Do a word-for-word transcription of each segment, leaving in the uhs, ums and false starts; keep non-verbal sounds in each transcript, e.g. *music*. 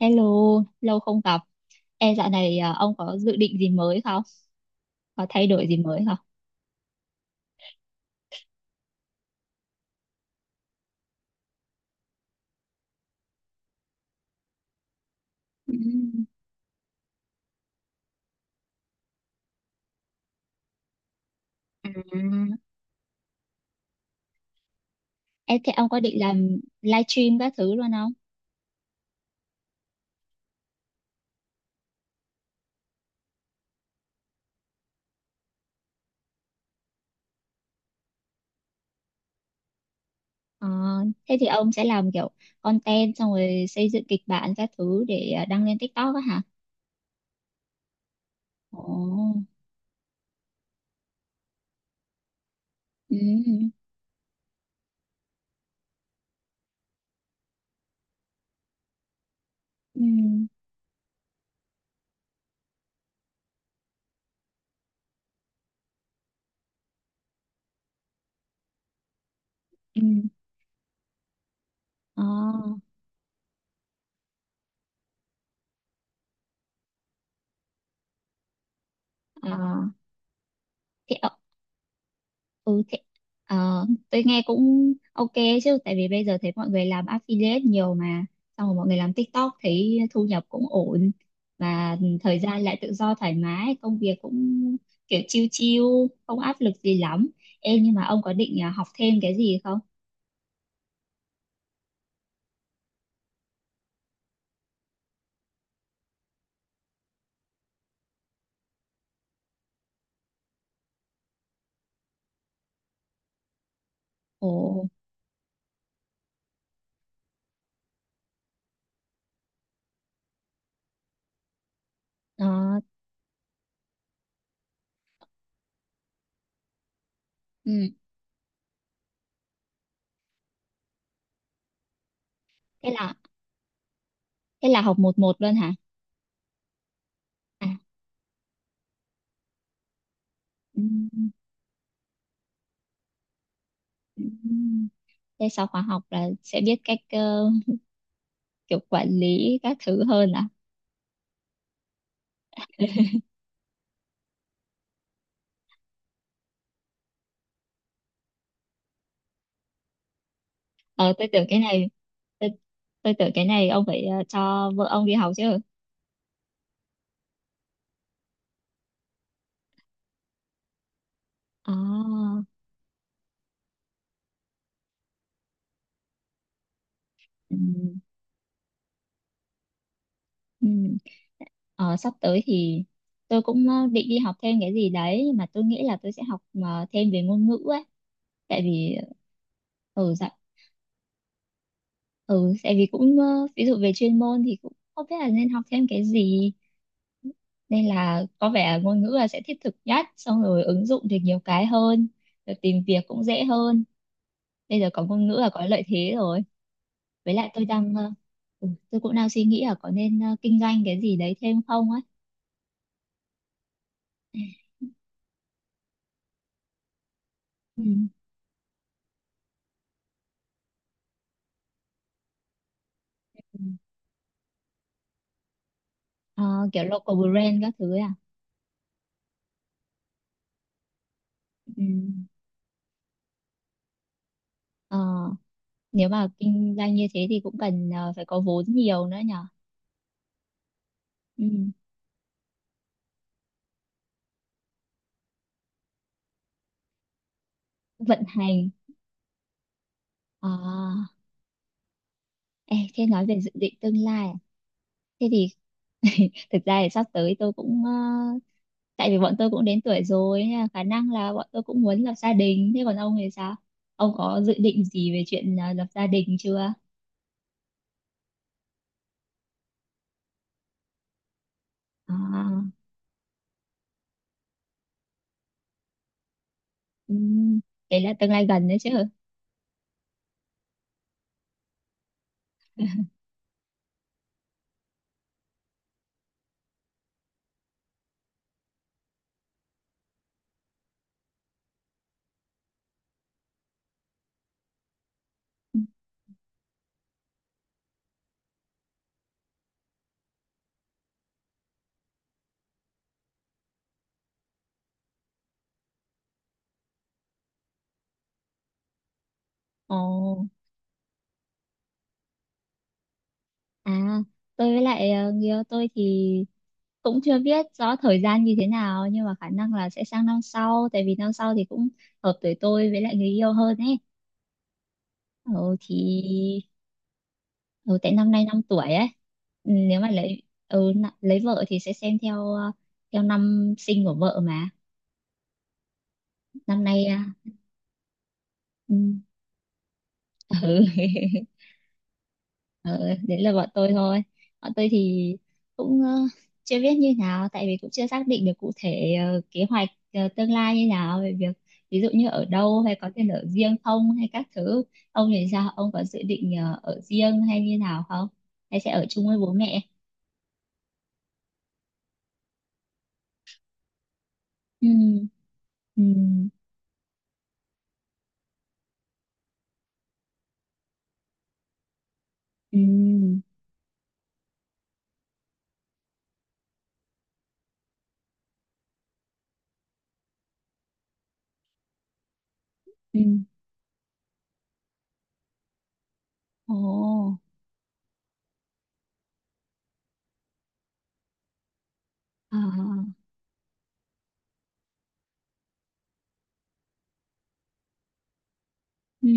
Hello, lâu không gặp. Ê, dạo này à, ông có dự định gì mới không? Có thay đổi gì mới không? Ừ. À, ê, thế ông có định làm livestream các thứ luôn không? Ờ, thế thì ông sẽ làm kiểu content xong rồi xây dựng kịch bản các thứ để à, đăng lên TikTok á hả? Ồ, ừ, ừ, ừ. Ờ, à, thế. Ừ, thế, ờ, tôi nghe cũng ok chứ tại vì bây giờ thấy mọi người làm affiliate nhiều mà xong rồi mọi người làm TikTok thấy thu nhập cũng ổn, và thời gian lại tự do thoải mái, công việc cũng kiểu chill chill, không áp lực gì lắm. Em nhưng mà ông có định à, học thêm cái gì không? Ồ. Ờ, ừ. Thế là thế là học một một luôn hả? À, ừ, ừ. Ừ. Thế sau khóa học là sẽ biết cách ờ, kiểu quản lý các thứ hơn à? ờ tôi tưởng cái này tôi, tôi tưởng cái này ông phải ờ, cho vợ ông đi học chứ. À, ừ, ừ. Ờ, sắp tới thì tôi cũng ờ, định đi học thêm cái gì đấy, nhưng mà tôi nghĩ là tôi sẽ học ờ, thêm về ngôn ngữ ấy. Tại vì ờ, ừ, dạ, ừ, tại vì cũng ờ, ví dụ về chuyên môn thì cũng không biết là nên học thêm cái gì, nên là có vẻ ngôn ngữ là sẽ thiết thực nhất, xong rồi ứng dụng được nhiều cái hơn, rồi tìm việc cũng dễ hơn. Bây giờ có ngôn ngữ là có lợi thế rồi. Với lại tôi đang ờ, ừ, tôi cũng đang suy nghĩ là có nên ờ, kinh doanh cái gì đấy thêm không ấy. Ừ. Ừ. Ờ, kiểu local brand các thứ ấy à? Ừ. Ờ, nếu mà kinh doanh như thế thì cũng cần ờ, phải có vốn nhiều nữa nhở. Ừ. Vận hành. À, ê, thế nói về dự định tương lai à? Thế thì thực ra thì sắp tới tôi cũng ờ, tại vì bọn tôi cũng đến tuổi rồi, nên là khả năng là bọn tôi cũng muốn lập gia đình, thế còn ông thì sao? Ông có dự định gì về chuyện à, lập gia đình chưa? À, ừm. Đấy là tương lai gần đấy chứ. Ồ, à, tôi với lại ờ, người yêu tôi thì cũng chưa biết rõ thời gian như thế nào, nhưng mà khả năng là sẽ sang năm sau, tại vì năm sau thì cũng hợp tuổi tôi với lại người yêu hơn ấy. Ừ thì ừ, tại năm nay năm tuổi ấy. Ừ, nếu mà lấy ừ, n- lấy vợ thì sẽ xem theo ờ, theo năm sinh của vợ mà. Năm nay à, ừ. *laughs* Ừ. Ờ, đấy là bọn tôi thôi. Bọn tôi thì cũng ờ, chưa biết như nào, tại vì cũng chưa xác định được cụ thể ờ, kế hoạch ờ, tương lai như nào, về việc ví dụ như ở đâu, hay có tiền ở riêng không, hay các thứ. Ông thì sao? Ông có dự định ờ, ở riêng hay như nào không? Hay sẽ ở chung với bố mẹ? Ừ, ừ, ừ, ừ. Ồ, à, ừ.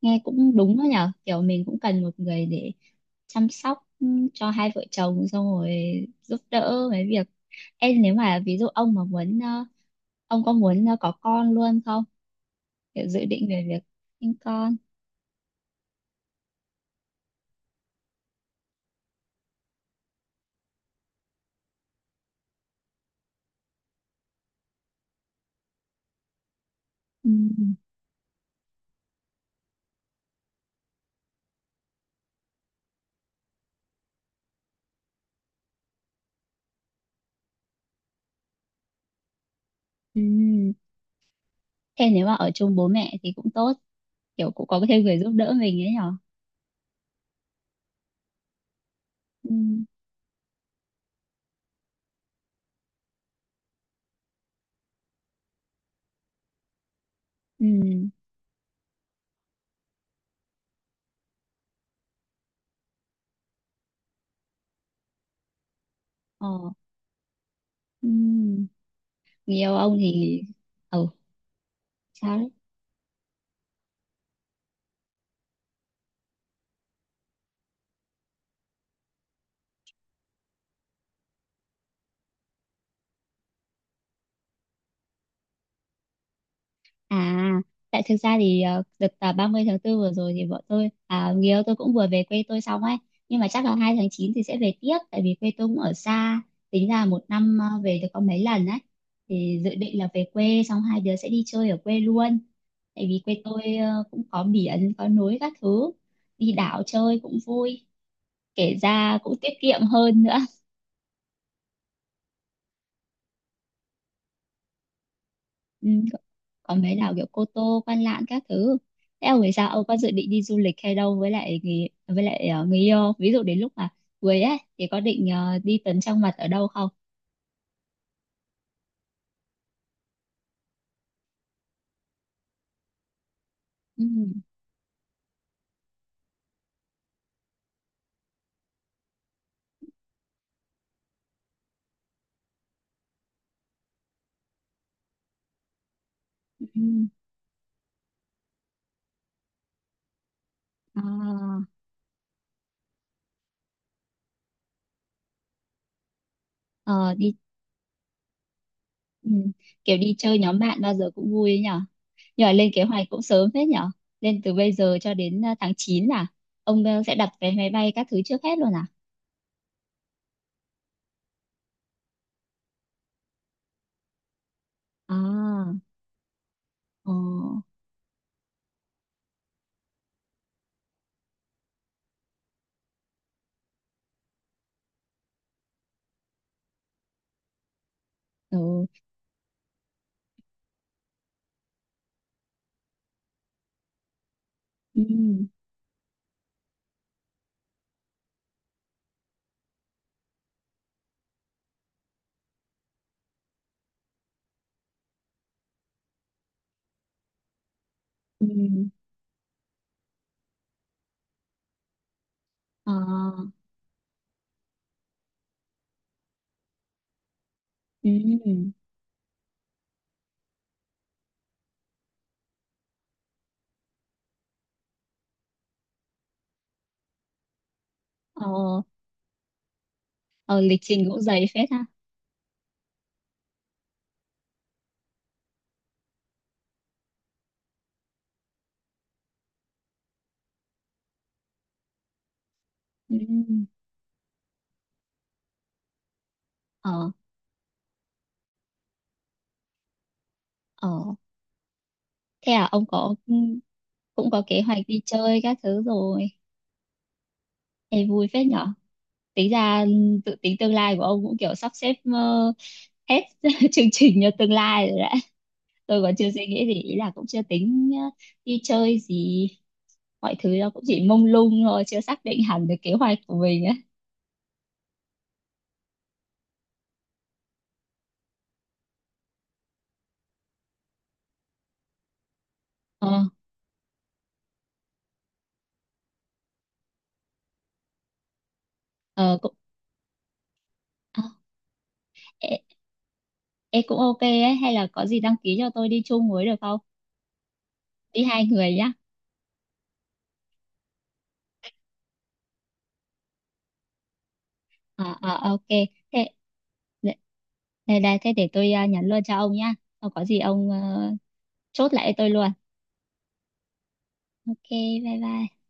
Nghe cũng đúng đó nhở, kiểu mình cũng cần một người để chăm sóc cho hai vợ chồng, xong rồi giúp đỡ mấy việc. Em nếu mà ví dụ ông mà muốn ờ, ông có muốn ờ, có con luôn không, kiểu dự định về việc sinh con. Ừ. Ừ. Thế nếu mà ở chung bố mẹ thì cũng tốt, kiểu cũng có thêm người giúp đỡ mình ấy nhở. Ừ. Ừ. Ờ. Ừ. Nhiều ông thì ừ. Sao? À, tại thực ra thì ờ, đợt à, ba mươi tháng tư vừa rồi thì bọn tôi à, người yêu tôi cũng vừa về quê tôi xong ấy. Nhưng mà chắc là hai tháng chín thì sẽ về tiếp, tại vì quê tôi cũng ở xa, tính là một năm ờ, về được có mấy lần ấy. Thì dự định là về quê xong hai đứa sẽ đi chơi ở quê luôn, tại vì quê tôi ờ, cũng có biển có núi các thứ, đi đảo chơi cũng vui, kể ra cũng tiết kiệm hơn nữa. Ừ, còn mấy đảo kiểu Cô Tô, Quan Lạn các thứ. Thế ông thì sao? Ông có dự định đi du lịch hay đâu với lại người với lại ờ, người yêu? Ví dụ đến lúc mà cưới ấy thì có định ờ, đi tấn trong mật ở đâu không? Ừ, ừ, ờ, ờ, đi ừ, kiểu đi chơi nhóm bạn bao giờ cũng vui ấy nhở. Nhưng lên kế hoạch cũng sớm phết nhở. Lên từ bây giờ cho đến ờ, tháng chín là ông ờ, sẽ đặt vé máy bay các thứ trước hết luôn à? À, ờ, ừ, ừ, ừ, ờ, ừ. Ờ, ờ, lịch trình cũng dày phết ha. Ừ. Ờ, ờ. Thế à, ông có cũng có kế hoạch đi chơi các thứ rồi. Ê, vui phết nhở. Tính ra tự tính tương lai của ông cũng kiểu sắp xếp ờ, hết *laughs* chương trình cho tương lai rồi đấy. Tôi còn chưa suy nghĩ gì, ý là cũng chưa tính ờ, đi chơi gì. Mọi thứ nó cũng chỉ mông lung thôi, chưa xác định hẳn được kế hoạch của mình ấy. Ờ, ờ, cũng, à, ê, ê, cũng ok ấy. Hay là có gì đăng ký cho tôi đi chung với được không? Đi hai người nhá. À, à, ok, thế đây, đây đây, thế để tôi à, nhắn luôn cho ông nhá, không có gì ông ờ, chốt lại cho tôi luôn. Ok, bye bye.